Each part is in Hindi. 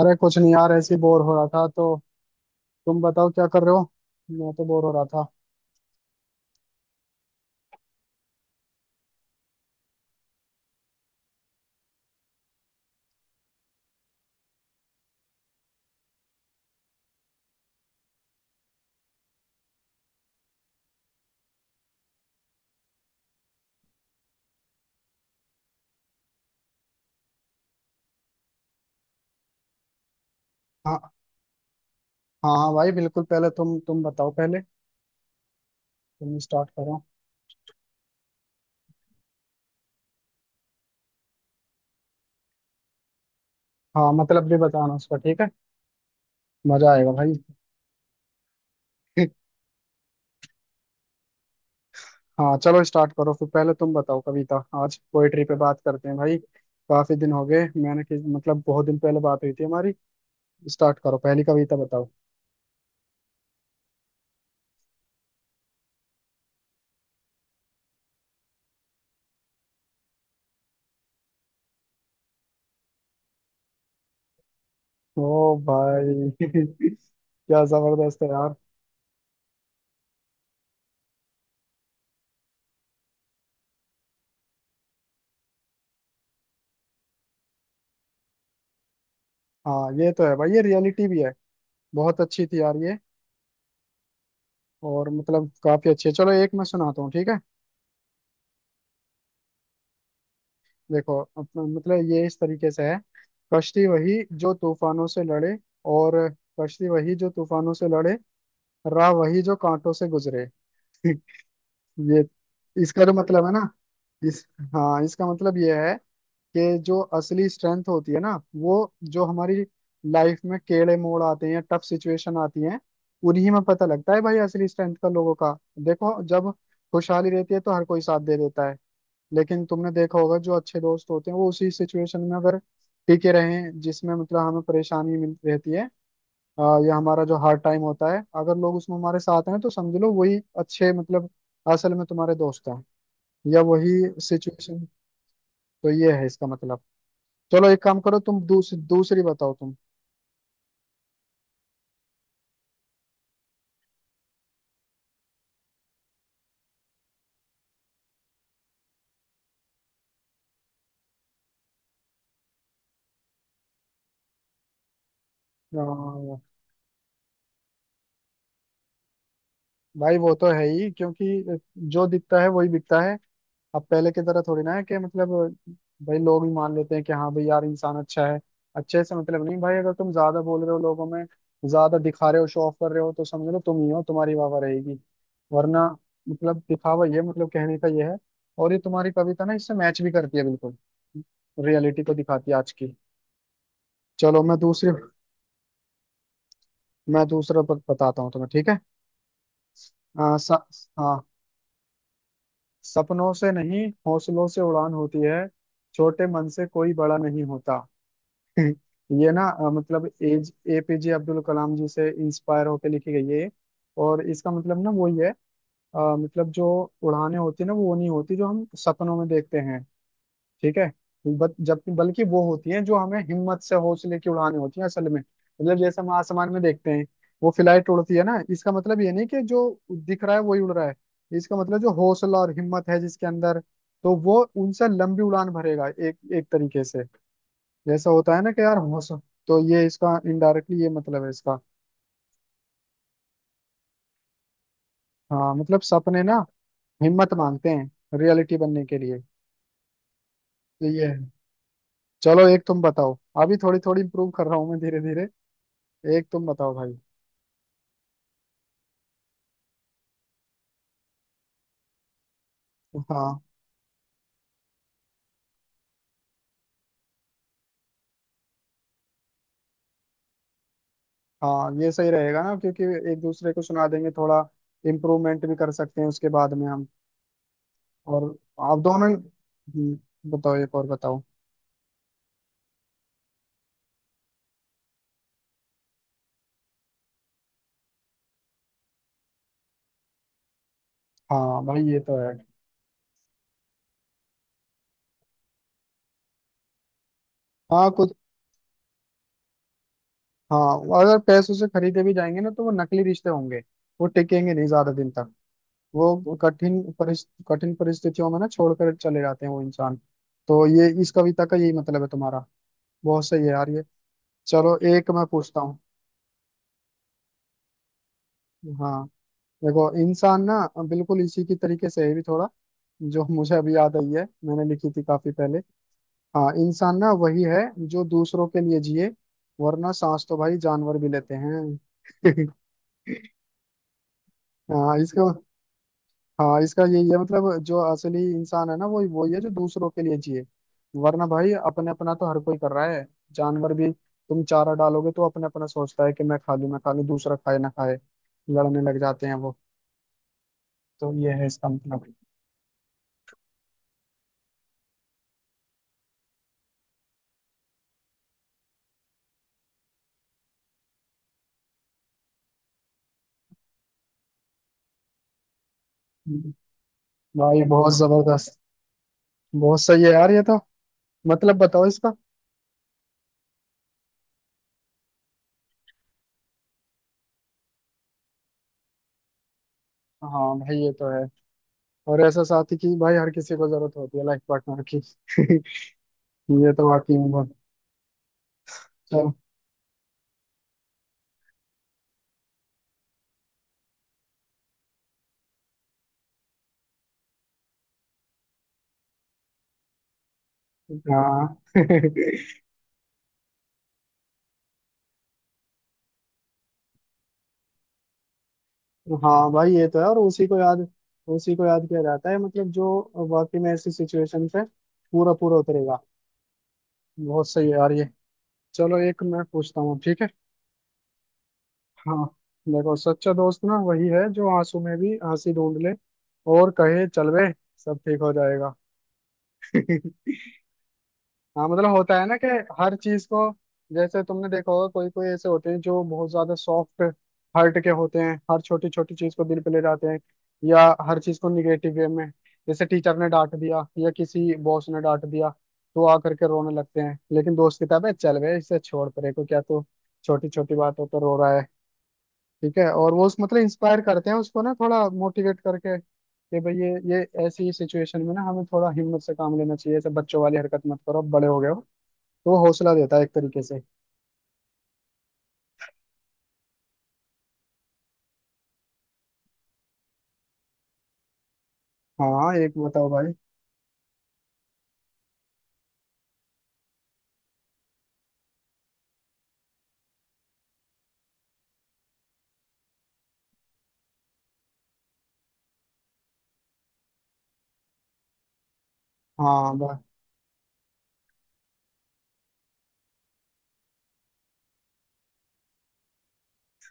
अरे कुछ नहीं यार, ऐसे ही बोर हो रहा था। तो तुम बताओ क्या कर रहे हो। मैं तो बोर हो रहा था। हाँ हाँ हाँ भाई, बिल्कुल पहले तुम बताओ, पहले तुम स्टार्ट करो। हाँ, मतलब भी बताना उसका, ठीक है। मजा आएगा भाई। हाँ चलो स्टार्ट करो, फिर पहले तुम बताओ कविता। आज पोइट्री पे बात करते हैं भाई। काफी दिन हो गए मैंने कि मतलब बहुत दिन पहले बात हुई थी हमारी। स्टार्ट करो, पहली कविता बताओ। ओ भाई क्या जबरदस्त है यार। हाँ ये तो है भाई, ये रियलिटी भी है। बहुत अच्छी थी यार ये। और मतलब काफी अच्छी है। चलो एक मैं सुनाता हूँ, ठीक है। देखो अपना मतलब ये इस तरीके से है। कश्ती वही जो तूफानों से लड़े। और कश्ती वही जो तूफानों से लड़े, राह वही जो कांटों से गुजरे। ये, इसका जो मतलब है ना, इस, हाँ इसका मतलब ये है कि जो असली स्ट्रेंथ होती है ना, वो, जो हमारी लाइफ में टेढ़े मोड़ आते हैं, टफ सिचुएशन आती हैं, उन्हीं में पता लगता है भाई असली स्ट्रेंथ का, लोगों का। देखो जब खुशहाली रहती है तो हर कोई साथ दे देता है, लेकिन तुमने देखा होगा जो अच्छे दोस्त होते हैं वो उसी सिचुएशन में अगर टिके रहें जिसमें मतलब हमें परेशानी मिल रहती है, अ, या हमारा जो हार्ड टाइम होता है, अगर लोग उसमें हमारे साथ हैं तो समझ लो वही अच्छे, मतलब असल में तुम्हारे दोस्त हैं, या वही सिचुएशन। तो ये है इसका मतलब। चलो एक काम करो, तुम दूसरी बताओ तुम। अ, भाई वो तो है ही, क्योंकि जो दिखता है वही बिकता है। अब पहले की तरह थोड़ी ना है कि मतलब भाई लोग भी मान लेते हैं कि हाँ भाई यार इंसान अच्छा है। अच्छे से मतलब नहीं भाई, अगर तुम ज्यादा बोल रहे हो लोगों में, ज्यादा दिखा रहे हो, शो ऑफ कर रहे हो, तो समझ लो तुम ही हो, तुम्हारी वाह रहेगी। वरना मतलब दिखावा, ये मतलब कहने का ये है। और ये तुम्हारी कविता ना इससे मैच भी करती है बिल्कुल, रियलिटी को दिखाती है आज की। चलो मैं दूसरी, मैं बताता हूँ तुम्हें, ठीक है। आ, स, हाँ, सपनों से नहीं हौसलों से उड़ान होती है, छोटे मन से कोई बड़ा नहीं होता। हम्म। ये ना मतलब एज एपीजे अब्दुल कलाम जी से इंस्पायर होकर लिखी गई है ये। और इसका मतलब ना वही है, मतलब जो उड़ानें होती है ना, वो नहीं होती जो हम सपनों में देखते हैं, ठीक है। बट जब बल्कि वो होती हैं जो हमें हिम्मत से, हौसले की उड़ानें होती हैं असल में। मतलब जैसे हम आसमान में देखते हैं वो फ्लाइट उड़ती है ना, इसका मतलब ये नहीं कि जो दिख रहा है वही उड़ रहा है। इसका मतलब जो हौसला और हिम्मत है जिसके अंदर, तो वो उनसे लंबी उड़ान भरेगा, एक एक तरीके से जैसा होता है ना कि यार हो सक, तो ये इसका इनडायरेक्टली ये मतलब है इसका। हाँ मतलब सपने ना हिम्मत मांगते हैं रियलिटी बनने के लिए। तो ये है। चलो एक तुम बताओ। अभी थोड़ी थोड़ी इम्प्रूव कर रहा हूँ मैं धीरे धीरे। एक तुम बताओ भाई। हाँ। हाँ ये सही रहेगा ना, क्योंकि एक दूसरे को सुना देंगे, थोड़ा इम्प्रूवमेंट भी कर सकते हैं उसके बाद में हम। और आप दोनों, बताओ एक और बताओ। हाँ भाई ये तो है। हाँ कुछ, हाँ अगर पैसों से खरीदे भी जाएंगे ना तो वो नकली रिश्ते होंगे, वो टिकेंगे नहीं ज्यादा दिन तक। वो कठिन परिस्थितियों में ना छोड़कर चले जाते हैं वो इंसान। तो ये इस कविता का यही मतलब है तुम्हारा। बहुत सही है यार ये। चलो एक मैं पूछता हूँ। हाँ देखो, इंसान ना, बिल्कुल इसी की तरीके से है भी थोड़ा, जो मुझे अभी याद आई है मैंने लिखी थी काफी पहले। हाँ, इंसान ना वही है जो दूसरों के लिए जिए, वरना सांस तो भाई जानवर भी लेते हैं। हाँ इसका, हाँ इसका यही है मतलब, जो असली इंसान है ना वो वही है जो दूसरों के लिए जिए। वरना भाई अपने अपना तो हर कोई कर रहा है। जानवर भी तुम चारा डालोगे तो अपने अपना सोचता है कि मैं खा लूं, मैं खा लूं, दूसरा खाए ना खाए, लड़ने लग जाते हैं वो। तो ये है इसका मतलब। हम्म। भाई बहुत जबरदस्त, बहुत सही है यार ये तो। मतलब बताओ इसका। हाँ भाई ये तो है, और ऐसा साथी की भाई हर किसी को जरूरत होती है, लाइफ पार्टनर की। ये तो वाकई में बहुत। चल। हाँ हाँ भाई ये तो है। और उसी को याद, उसी को याद किया जाता है, मतलब जो वाकई में ऐसी सिचुएशन पे पूरा पूरा उतरेगा। बहुत सही है यार ये। चलो एक मैं पूछता हूँ, ठीक है। हाँ देखो, सच्चा दोस्त ना वही है जो आंसू में भी हंसी ढूंढ ले, और कहे चल बे, सब ठीक हो जाएगा। हाँ मतलब होता है ना कि हर चीज को, जैसे तुमने देखा होगा कोई कोई ऐसे होते हैं जो बहुत ज्यादा सॉफ्ट हार्ट के होते हैं, हर छोटी छोटी चीज को दिल पे ले जाते हैं, या हर चीज को निगेटिव वे में। जैसे टीचर ने डांट दिया या किसी बॉस ने डांट दिया, तो आ करके रोने लगते हैं। लेकिन दोस्त की किताब है चल बे, इसे छोड़ परे को क्या, तो छोटी छोटी बातों पर रो रहा है, ठीक है। और वो उस मतलब इंस्पायर करते हैं उसको ना, थोड़ा मोटिवेट करके कि भाई ये ऐसी सिचुएशन में ना हमें थोड़ा हिम्मत से काम लेना चाहिए, ऐसे बच्चों वाली हरकत मत करो, अब बड़े हो गए हो। तो वो हौसला देता है एक तरीके से। हाँ एक बताओ भाई। हाँ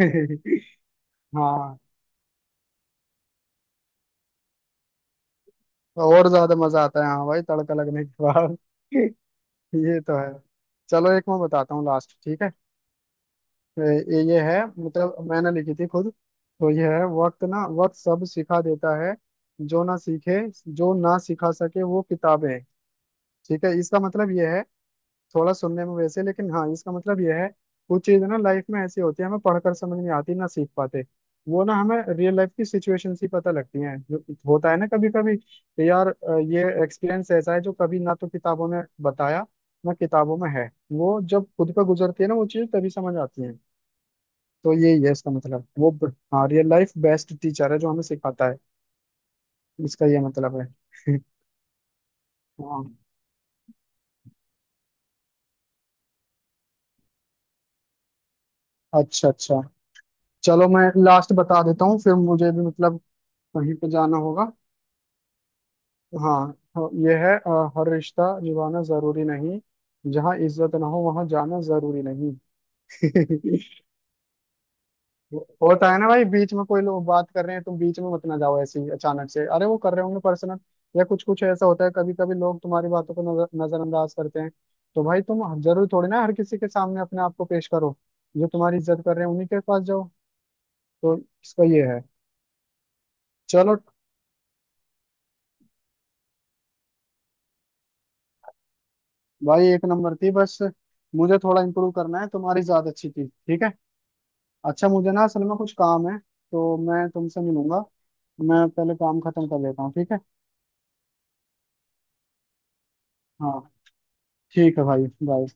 भाई हाँ और ज्यादा मजा आता है, हाँ भाई, तड़का लगने के बाद। ये तो है। चलो एक मैं बताता हूँ लास्ट, ठीक है। ये है मतलब मैंने लिखी थी खुद। तो ये है, वक्त ना वक्त सब सिखा देता है, जो ना सीखे, जो ना सिखा सके वो किताबें। ठीक है, इसका मतलब ये है, थोड़ा सुनने में वैसे, लेकिन हाँ इसका मतलब यह है कुछ चीज ना लाइफ में ऐसी होती है हमें पढ़कर समझ नहीं आती, ना सीख पाते। वो ना हमें रियल लाइफ की सिचुएशन ही पता लगती हैं, जो होता है ना कभी कभी कि यार ये एक्सपीरियंस ऐसा है जो कभी ना तो किताबों में बताया, ना किताबों में है, वो जब खुद पर गुजरती है ना वो चीज तभी समझ आती है। तो यही है इसका मतलब, हाँ रियल लाइफ बेस्ट टीचर है जो हमें सिखाता है। इसका ये मतलब है। हाँ अच्छा अच्छा। चलो मैं लास्ट बता देता हूँ, फिर मुझे भी मतलब कहीं पे जाना होगा। हाँ हाँ, ये है हर रिश्ता निभाना जरूरी नहीं, जहाँ इज्जत ना हो वहां जाना जरूरी नहीं। होता है ना भाई, बीच में कोई लोग बात कर रहे हैं तुम बीच में मत ना जाओ ऐसे ही अचानक से, अरे वो कर रहे होंगे पर्सनल, या कुछ कुछ ऐसा होता है कभी कभी लोग तुम्हारी बातों को नजर, नजरअंदाज करते हैं। तो भाई तुम जरूरी थोड़ी ना हर किसी के सामने अपने आप को पेश करो, जो तुम्हारी इज्जत कर रहे हैं उन्हीं के पास जाओ। तो इसका ये है। चलो भाई, एक नंबर थी बस। मुझे थोड़ा इम्प्रूव करना है, तुम्हारी ज्यादा अच्छी थी, ठीक है। अच्छा मुझे ना असल में कुछ काम है तो मैं तुमसे मिलूंगा। मैं पहले काम खत्म कर लेता हूँ, ठीक है। हाँ ठीक है भाई, बाय।